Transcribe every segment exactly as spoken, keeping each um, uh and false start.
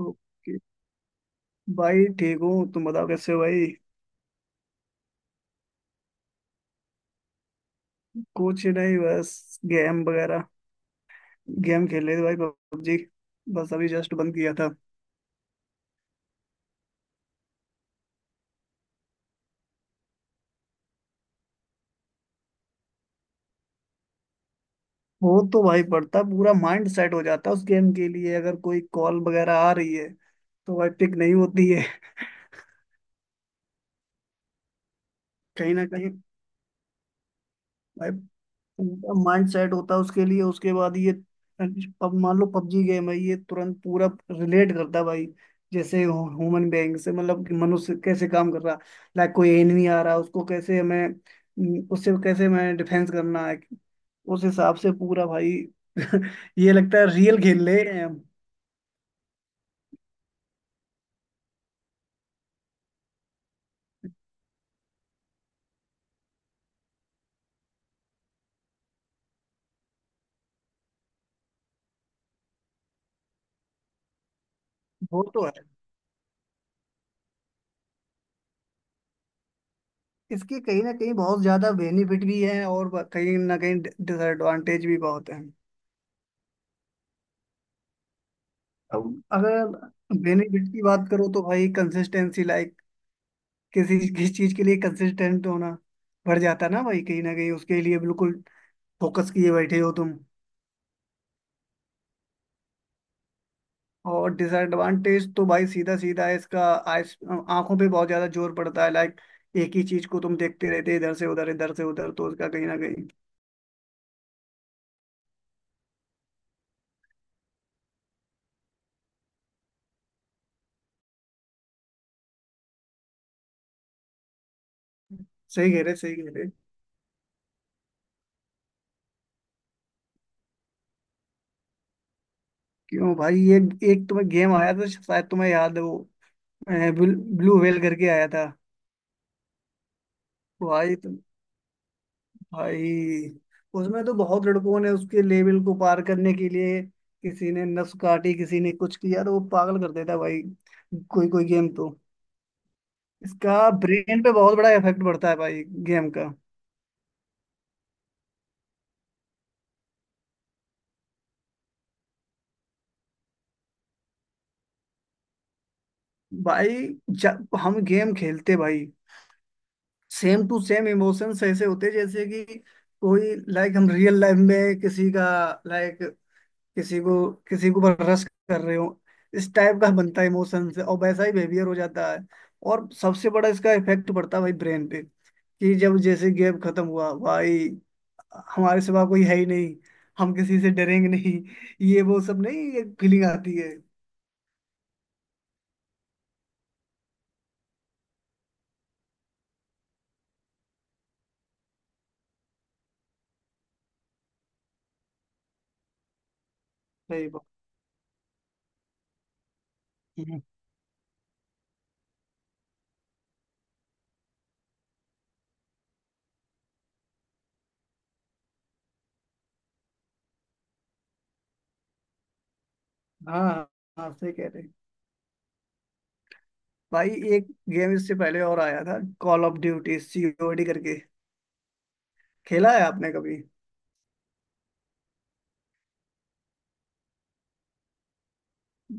Okay. भाई ठीक हूँ, तुम बताओ कैसे हो भाई। कुछ नहीं, बस गेम वगैरह। गेम खेल रहे थे भाई, पबजी। बस अभी जस्ट बंद किया था। वो तो भाई पड़ता, पूरा माइंड सेट हो जाता है उस गेम के लिए। अगर कोई कॉल वगैरह आ रही है तो भाई पिक नहीं होती है। कहीं ना कहीं भाई माइंड सेट होता है उसके लिए, उसके बाद ये अब मान लो पबजी गेम है, ये तुरंत पूरा रिलेट करता है भाई, जैसे ह्यूमन बेइंग से, मतलब कि मनुष्य कैसे काम कर रहा है। लाइक कोई एनिमी आ रहा है, उसको कैसे हमें उम, उससे कैसे हमें डिफेंस करना है। उस हिसाब से पूरा भाई ये लगता है रियल खेल ले रहे हैं हम। वो तो है। इसके कहीं ना कहीं बहुत ज्यादा बेनिफिट भी हैं, और ब- कहीं ना कहीं डिसएडवांटेज भी बहुत हैं। अब अगर बेनिफिट की बात करो तो भाई कंसिस्टेंसी, लाइक किसी किस चीज के लिए कंसिस्टेंट होना बढ़ जाता है ना भाई, कहीं ना कहीं उसके लिए बिल्कुल फोकस किए बैठे हो तुम। और डिसएडवांटेज तो भाई सीधा सीधा है इसका। आइस आंखों पे बहुत ज्यादा जोर पड़ता है, लाइक एक ही चीज को तुम देखते रहते हो, इधर से उधर, इधर से उधर, तो उसका कहीं ना कहीं। सही कह रहे, सही कह रहे। क्यों भाई, ये एक तुम्हें गेम आया था शायद, तुम्हें याद है वो? ब्लू व्हेल करके आया था। भाई, भाई, उसमें तो बहुत लड़कों ने उसके लेवल को पार करने के लिए किसी ने नस काटी, किसी ने कुछ किया, तो वो पागल कर देता है भाई। कोई कोई गेम तो इसका ब्रेन पे बहुत बड़ा इफेक्ट पड़ता है भाई, गेम का। भाई जब हम गेम खेलते भाई, सेम टू सेम इमोशंस ऐसे होते जैसे कि कोई, लाइक, हम रियल लाइफ में किसी का, लाइक, किसी को किसी के ऊपर रश कर रहे हो, इस टाइप का बनता है इमोशन, से और वैसा ही बिहेवियर हो जाता है। और सबसे बड़ा इसका इफेक्ट पड़ता है भाई ब्रेन पे, कि जब जैसे गेम खत्म हुआ भाई, हमारे सिवा कोई है ही नहीं, हम किसी से डरेंगे नहीं, ये वो सब नहीं, एक फीलिंग आती है। सही बात। हम्म। हाँ, हाँ, सही कह रहे हैं भाई। एक गेम इससे पहले और आया था, कॉल ऑफ ड्यूटी, सीओडी करके। खेला है आपने कभी?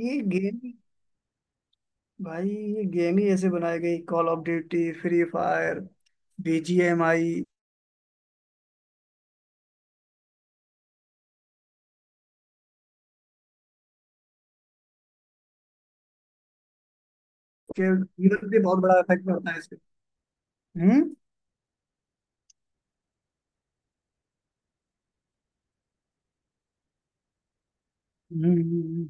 ये गेम, भाई ये गेम ही ऐसे बनाई गई, call of duty, free fire, BGMI, के जीवन पे बहुत बड़ा इफेक्ट पड़ता है इससे। हम्म। हम्म। हम्म।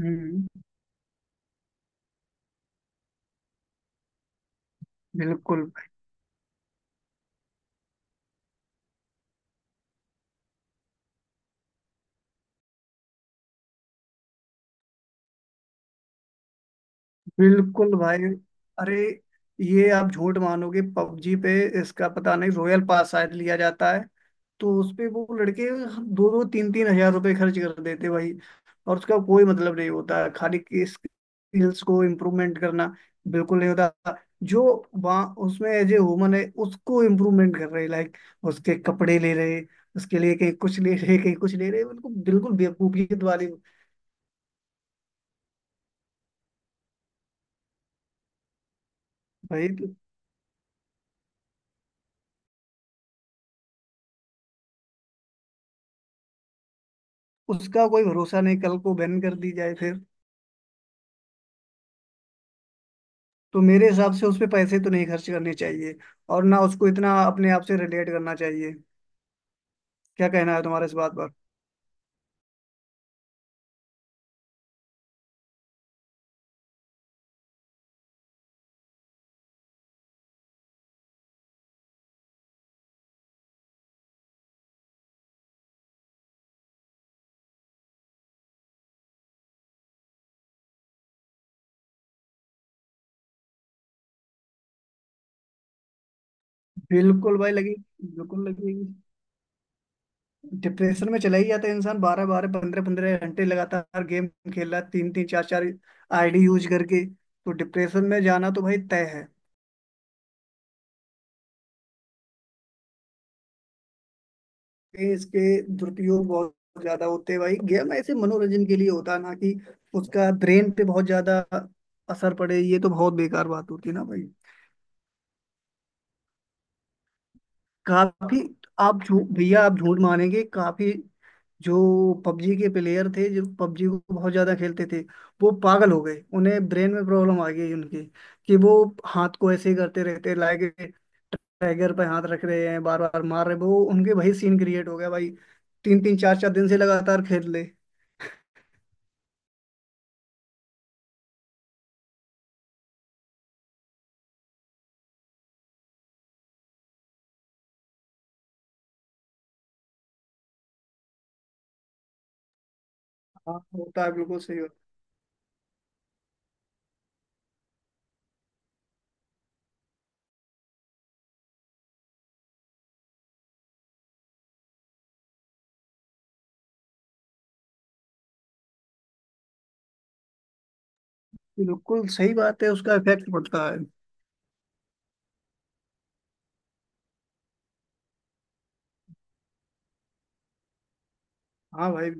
हम्म। बिल्कुल, बिल्कुल भाई। अरे, ये आप झूठ मानोगे, पबजी पे, इसका पता नहीं, रॉयल पास शायद लिया जाता है, तो उस पे वो लड़के दो दो तीन तीन हजार रुपए खर्च कर देते भाई। और उसका कोई मतलब नहीं होता, खाली की स्किल्स को इम्प्रूवमेंट करना बिल्कुल नहीं होता। जो वहाँ उसमें एज ए वुमन है उसको इम्प्रूवमेंट कर रहे, लाइक उसके कपड़े ले रहे, उसके लिए कहीं कुछ ले रहे, कहीं कुछ ले रहे, उनको बिल्कुल बेवकूफियत वाली। भाई तो उसका कोई भरोसा नहीं, कल को बैन कर दी जाए फिर। तो मेरे हिसाब से उस पे पैसे तो नहीं खर्च करने चाहिए, और ना उसको इतना अपने आप से रिलेट करना चाहिए। क्या कहना है तुम्हारा इस बात पर? बिल्कुल भाई लगेगी। बिल्कुल लगेगी। डिप्रेशन में चला ही जाता है इंसान, बारह बारह पंद्रह पंद्रह घंटे लगातार गेम खेल रहा है, तीन तीन चार चार आईडी यूज करके, तो डिप्रेशन में जाना तो भाई तय है। ये इसके दुरुपयोग बहुत ज्यादा होते हैं भाई, गेम ऐसे मनोरंजन के लिए होता है, ना कि उसका ब्रेन पे बहुत ज्यादा असर पड़े, ये तो बहुत बेकार बात होती है ना भाई। काफी, आप झूठ भैया आप झूठ मानेंगे काफी, जो पबजी के प्लेयर थे, जो पबजी को बहुत ज्यादा खेलते थे, वो पागल हो गए, उन्हें ब्रेन में प्रॉब्लम आ गई उनकी, कि वो हाथ को ऐसे ही करते रहते, लाइक टाइगर पे हाथ रख रहे हैं, बार बार मार रहे हैं। वो उनके वही सीन क्रिएट हो गया भाई, तीन तीन चार चार दिन से लगातार खेल ले। हाँ होता है, बिल्कुल सही बात। बिल्कुल सही बात है, उसका इफेक्ट पड़ता है। हाँ भाई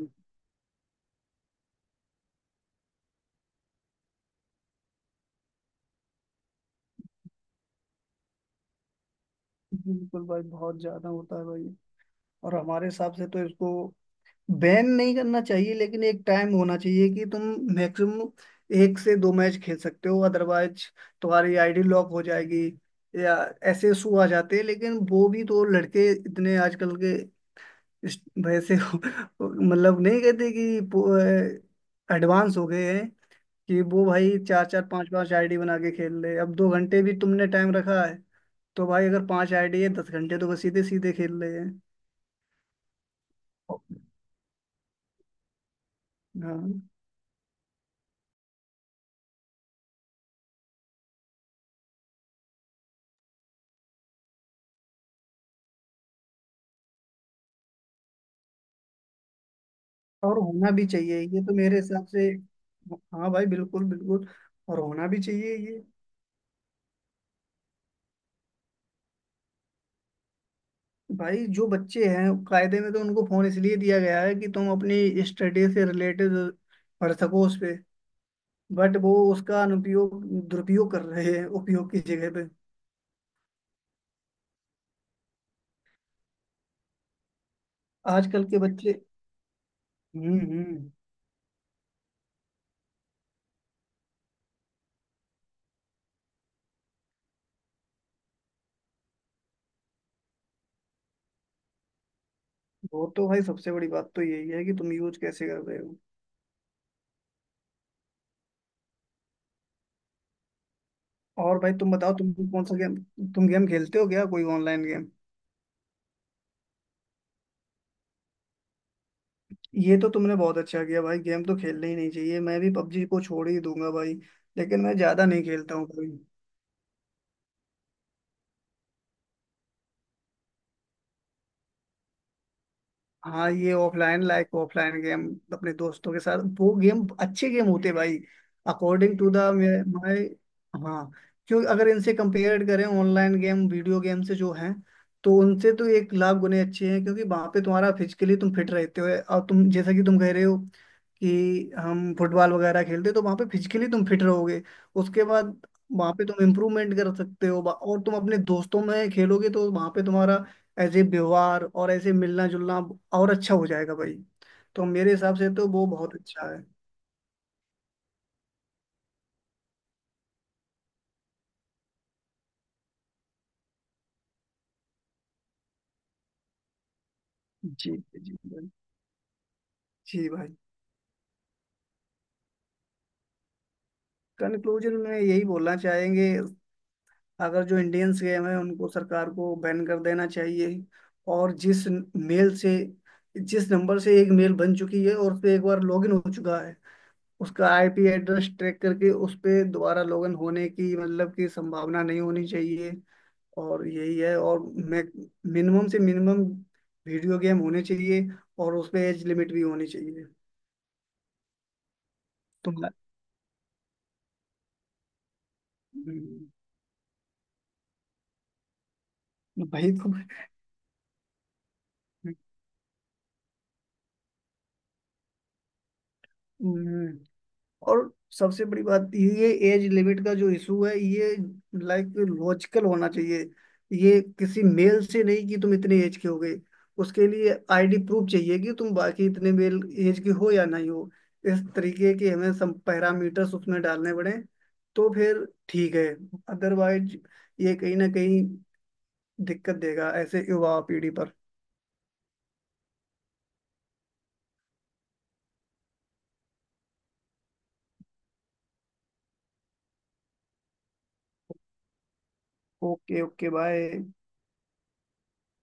बिल्कुल भाई, बहुत ज्यादा होता है भाई। और हमारे हिसाब से तो इसको बैन नहीं करना चाहिए, लेकिन एक टाइम होना चाहिए कि तुम मैक्सिमम एक से दो मैच खेल सकते हो, अदरवाइज तुम्हारी आईडी लॉक हो जाएगी, या ऐसे इशू आ जाते हैं। लेकिन वो भी तो लड़के इतने आजकल के इस वैसे हो- मतलब, नहीं कहते कि एडवांस हो गए हैं, कि वो भाई चार चार पांच पांच आईडी बना के खेल ले। अब दो घंटे भी तुमने टाइम रखा है, तो भाई अगर पांच आईडी है, दस घंटे तो वो सीधे सीधे खेल रहे हैं। हाँ, और होना भी चाहिए ये, तो मेरे हिसाब से। हाँ भाई, बिल्कुल बिल्कुल, और होना भी चाहिए ये। भाई जो बच्चे हैं कायदे में, तो उनको फोन इसलिए दिया गया है कि तुम अपनी स्टडी से रिलेटेड पढ़ सको उस पे, बट वो उसका अनुपयोग, दुरुपयोग कर रहे हैं उपयोग की जगह पे। आजकल के बच्चे। हम्म। हम्म। वो तो भाई सबसे बड़ी बात तो यही है कि तुम यूज कैसे कर रहे हो। और भाई तुम बताओ, तुम कौन सा गेम, तुम गेम खेलते हो क्या, कोई ऑनलाइन गेम? ये तो तुमने बहुत अच्छा किया भाई, गेम तो खेलना ही नहीं चाहिए। मैं भी पबजी को छोड़ ही दूंगा भाई, लेकिन मैं ज्यादा नहीं खेलता हूँ भाई। हाँ, ये ऑफलाइन, लाइक ऑफलाइन गेम अपने दोस्तों के साथ, वो गेम अच्छे गेम होते भाई, अकॉर्डिंग टू द माय। हाँ। क्योंकि अगर इनसे कंपेयर करें ऑनलाइन गेम, वीडियो गेम से जो हैं, तो उनसे तो एक लाख गुने अच्छे हैं, क्योंकि वहाँ पे तुम्हारा फिजिकली तुम फिट रहते हो। और तुम, जैसा कि तुम कह रहे हो, कि हम फुटबॉल वगैरह खेलते हैं, तो वहाँ पे फिजिकली तुम फिट रहोगे। उसके बाद वहाँ पे तुम इम्प्रूवमेंट कर सकते हो, और तुम अपने दोस्तों में खेलोगे तो वहाँ पे तुम्हारा ऐसे व्यवहार और ऐसे मिलना जुलना और अच्छा हो जाएगा भाई। तो मेरे हिसाब से तो वो बहुत अच्छा है। जी। जी भाई। जी भाई। कंक्लूजन में यही बोलना चाहेंगे, अगर जो इंडियंस गेम है उनको सरकार को बैन कर देना चाहिए। और जिस मेल से, जिस नंबर से एक मेल बन चुकी है और उस पर एक बार लॉगिन हो चुका है, उसका आईपी एड्रेस ट्रैक करके उस पे दोबारा लॉगिन होने की, मतलब की, संभावना नहीं होनी चाहिए। और यही है। और मैं, मिनिमम से मिनिमम वीडियो गेम होने चाहिए, और उसमें एज लिमिट भी होनी चाहिए। तुम, हम्म, भाई तुम, हम्म, और सबसे बड़ी बात ये एज लिमिट का जो इशू है, ये लाइक लॉजिकल होना चाहिए। ये किसी मेल से नहीं कि तुम इतने एज के हो गए, उसके लिए आईडी प्रूफ चाहिए कि तुम बाकी इतने मेल एज के हो या नहीं हो। इस तरीके के हमें सब पैरामीटर्स उसमें डालने पड़े, तो फिर ठीक है। अदरवाइज ये कहीं ना कहीं दिक्कत देगा ऐसे युवा पीढ़ी पर। ओके। ओके। बाय।